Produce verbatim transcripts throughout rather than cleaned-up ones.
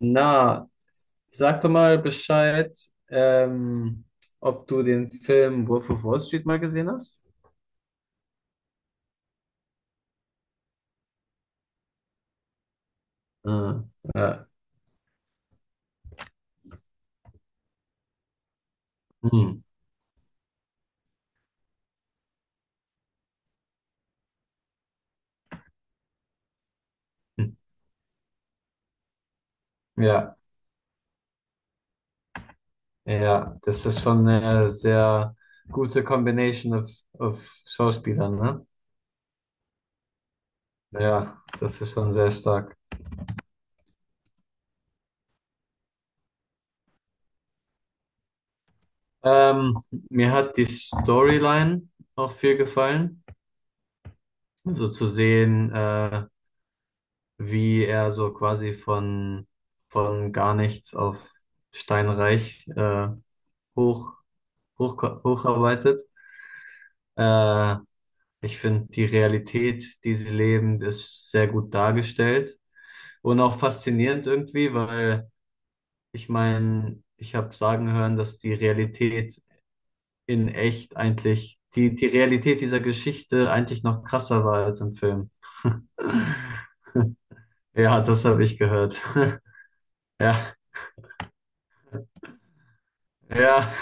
Na, sag doch mal Bescheid, ähm, ob du den Film Wolf of Wall Street mal gesehen hast. Ah, ja. Hm. Ja, ja, das ist schon eine sehr gute Combination of, of Schauspielern, ne? Ja, das ist schon sehr stark. Ähm, mir hat die Storyline auch viel gefallen. So zu sehen, äh, wie er so quasi von, von gar nichts auf steinreich äh, hoch, hoch, hocharbeitet. Äh, ich finde, die Realität, die sie leben, ist sehr gut dargestellt und auch faszinierend irgendwie, weil ich meine, ich habe sagen hören, dass die Realität in echt eigentlich, die, die Realität dieser Geschichte eigentlich noch krasser war als im Film. Ja, das habe ich gehört. Ja, ja.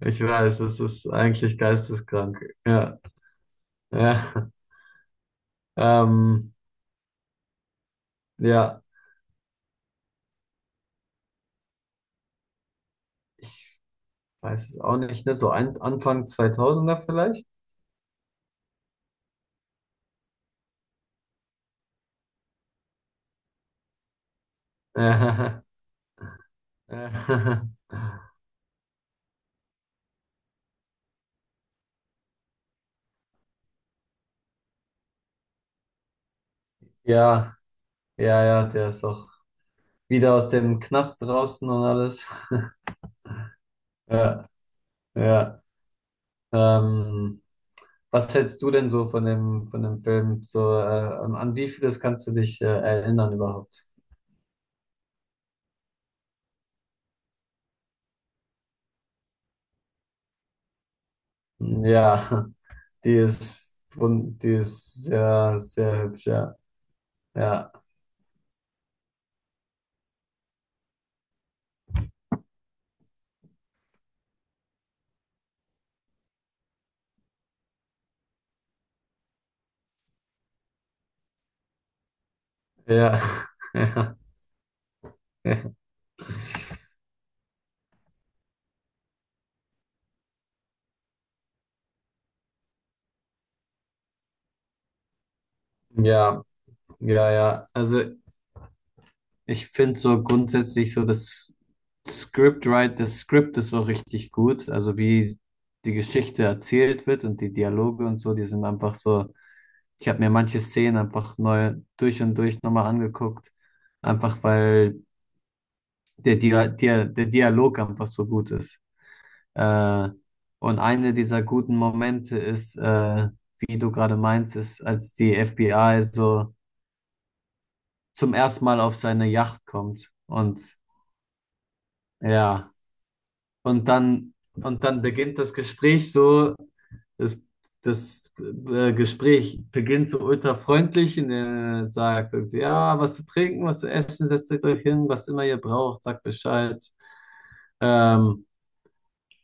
Ich weiß, es ist eigentlich geisteskrank. Ja, ja. Ähm, ja. Ich weiß es auch nicht, ne? So an, Anfang zweitausender er vielleicht? Ja, ja, ja, ja, der ist auch wieder aus dem Knast draußen und alles. Ja, ja. Ähm, was hältst du denn so von dem, von dem Film? So, äh, an an wie vieles kannst du dich äh, erinnern überhaupt? Ja, die ist, wund- die ist sehr, sehr hübsch, ja. Ja, ja, ja, ja, ja, ja. Also ich finde so grundsätzlich so das Scriptwrite, das Skript ist so richtig gut. Also wie die Geschichte erzählt wird und die Dialoge und so, die sind einfach so. Ich habe mir manche Szenen einfach neu durch und durch nochmal angeguckt, einfach weil der, Dia Dia der Dialog einfach so gut ist. Äh, und eine dieser guten Momente ist, äh, wie du gerade meinst, ist, als die F B I so zum ersten Mal auf seine Yacht kommt und ja. Und dann, und dann beginnt das Gespräch so, das, das äh, Gespräch beginnt so ultra freundlich und er sagt, irgendwie, ja, was zu trinken, was zu essen, setzt euch euch hin, was immer ihr braucht, sagt Bescheid. Ähm,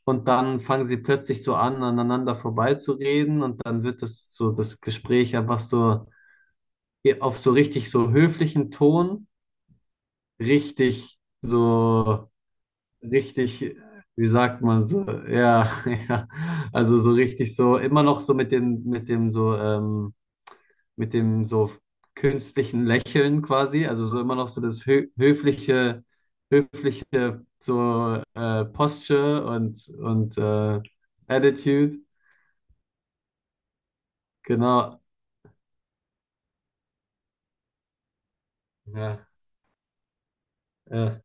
und dann fangen sie plötzlich so an, aneinander vorbeizureden und dann wird das so, das Gespräch einfach so auf so richtig so höflichen Ton, richtig so richtig, wie sagt man so, ja, ja, also so richtig so, immer noch so, mit dem, mit dem so, ähm, mit dem so künstlichen Lächeln quasi, also so immer noch so das hö höfliche, höfliche so äh, Posture und, und äh, Attitude, genau, ja, ja.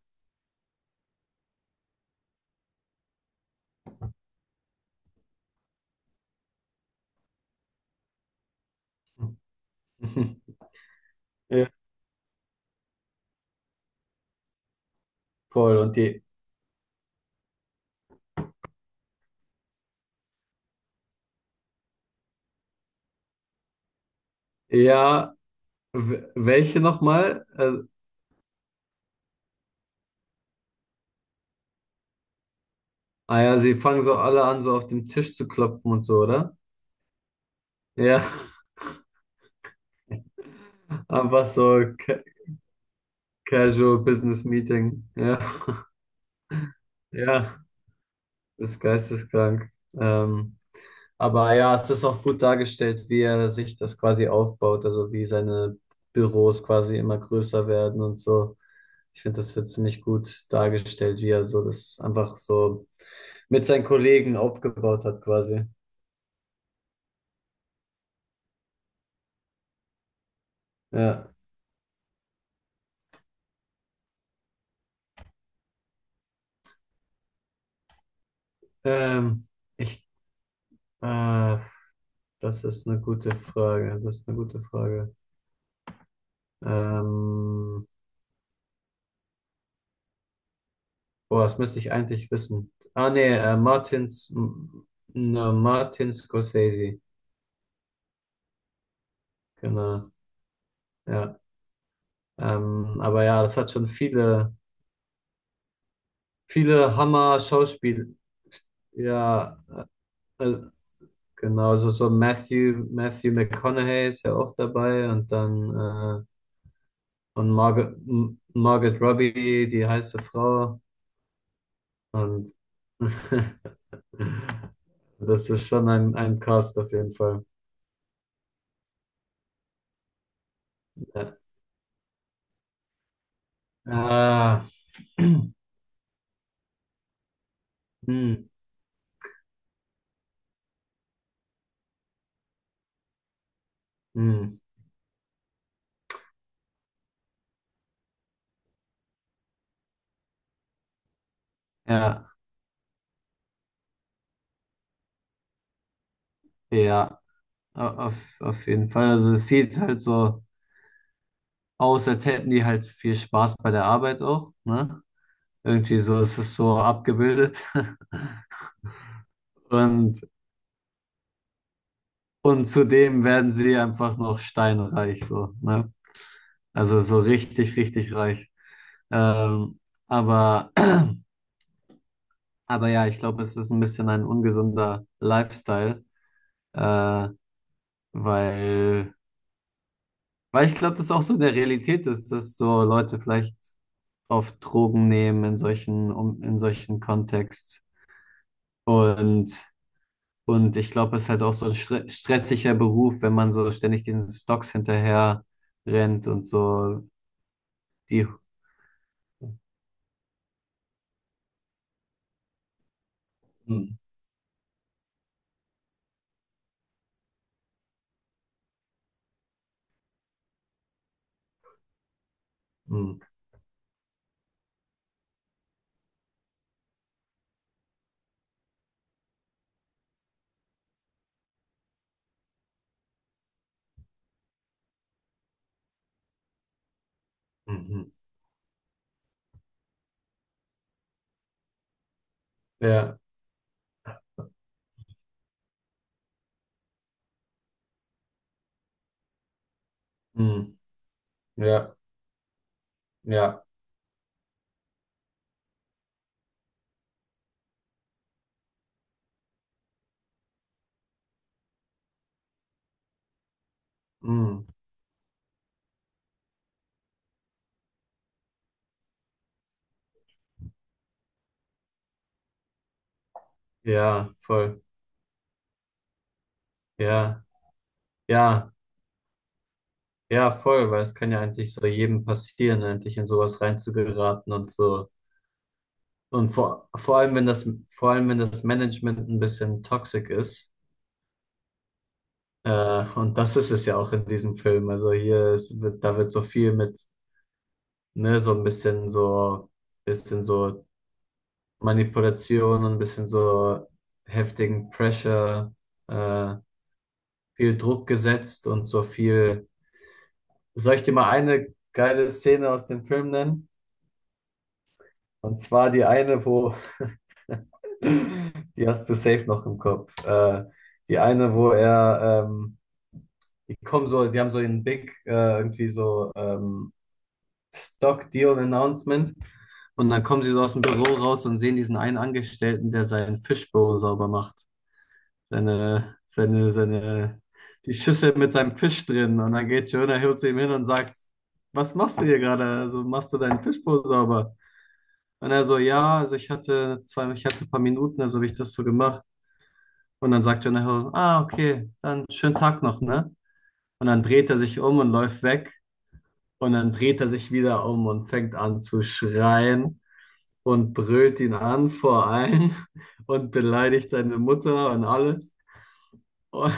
Ja, cool, und die, ja, w- welche nochmal? Äh, ah, ja, sie fangen so alle an, so auf dem Tisch zu klopfen und so, oder? Ja, einfach so ca- Casual Business Meeting. Ja, ja, das ist geisteskrank. Ähm, aber ja, es ist auch gut dargestellt, wie er sich das quasi aufbaut, also wie seine Büros quasi immer größer werden und so. Ich finde, das wird ziemlich gut dargestellt, wie er so das einfach so mit seinen Kollegen aufgebaut hat quasi. Ja, ähm, ich, äh, das ist eine gute Frage. Das ist eine gute Frage. Ähm, Boah, das müsste ich eigentlich wissen. Ah, nee, äh, Martins, m- ne, Martin Scorsese. Genau, ja. Ähm, aber ja, das hat schon viele, viele Hammer-Schauspiel. Ja, äh, genau, so, so Matthew, Matthew McConaughey ist ja auch dabei und dann, äh, und Margaret, M- Margot Robbie, die heiße Frau. Und das ist schon ein, ein Cast auf jeden Fall. Ja. Ah. Hm, hm, ja, ja, au- auf, auf jeden Fall. Also es sieht halt so aus, als hätten die halt viel Spaß bei der Arbeit auch, ne? Irgendwie so ist es so abgebildet. Und, und zudem werden sie einfach noch steinreich, so, ne? Also so richtig, richtig reich. Ähm, aber, aber ja, ich glaube, es ist ein bisschen ein ungesunder Lifestyle, äh, weil Weil ich glaube, das ist auch so in der Realität ist, dass so Leute vielleicht oft Drogen nehmen in solchen, um, in solchen Kontext. Und, und ich glaube, es ist halt auch so ein stre- stressiger Beruf, wenn man so ständig diesen Stocks hinterher rennt und so die. Hm, hm, mhm. Ja, hm, ja, ja, hm, ja, voll. Ja, ja, ja, voll, weil es kann ja eigentlich so jedem passieren, eigentlich in sowas reinzugeraten und so. Und vor, vor allem, wenn das, vor allem, wenn das Management ein bisschen toxic ist, äh, und das ist es ja auch in diesem Film. Also hier ist, wird, da wird so viel mit, ne, so ein bisschen so, bisschen so Manipulation und ein bisschen so heftigen Pressure, äh, viel Druck gesetzt und so viel. Soll ich dir mal eine geile Szene aus dem Film nennen? Und zwar die eine, wo die hast du safe noch im Kopf. Äh, die eine, wo er, ähm, die kommen so, die haben so einen Big, äh, irgendwie so ähm, Stock Deal Announcement. Und dann kommen sie so aus dem Büro raus und sehen diesen einen Angestellten, der seinen Fishbowl sauber macht. Seine, seine, seine, die Schüssel mit seinem Fisch drin. Und dann geht Jonah Hill zu ihm hin und sagt: Was machst du hier gerade? Also machst du deinen Fishbowl sauber? Und er so, ja, also ich hatte zwei, ich hatte ein paar Minuten, also habe ich das so gemacht. Und dann sagt Jonah Hill: Ah, okay, dann schönen Tag noch, ne? Und dann dreht er sich um und läuft weg. Und dann dreht er sich wieder um und fängt an zu schreien und brüllt ihn an vor allen und beleidigt seine Mutter und alles. Und,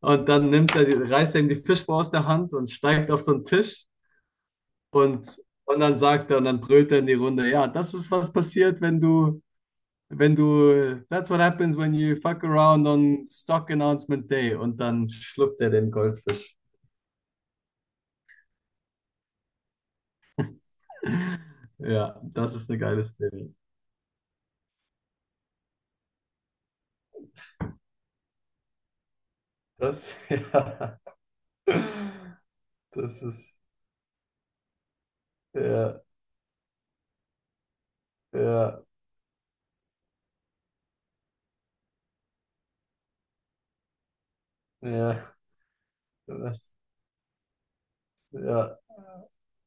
und dann nimmt er, die- reißt er ihm die Fischbar aus der Hand und steigt auf so einen Tisch und, und dann sagt er und dann brüllt er in die Runde, ja, das ist, was passiert, wenn du wenn du, that's what happens when you fuck around on Stock Announcement Day und dann schluckt er den Goldfisch. Ja, das ist eine geile Szene. Das, ja, das ist, ja, ja, ja, das, ja,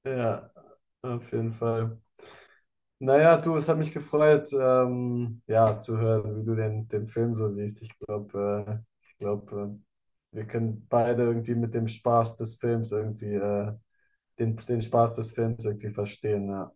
ja, auf jeden Fall. Naja, du, es hat mich gefreut, ähm, ja, zu hören, wie du den, den Film so siehst. Ich glaube, äh, ich glaube, äh, wir können beide irgendwie mit dem Spaß des Films irgendwie, äh, den, den Spaß des Films irgendwie verstehen. Ja.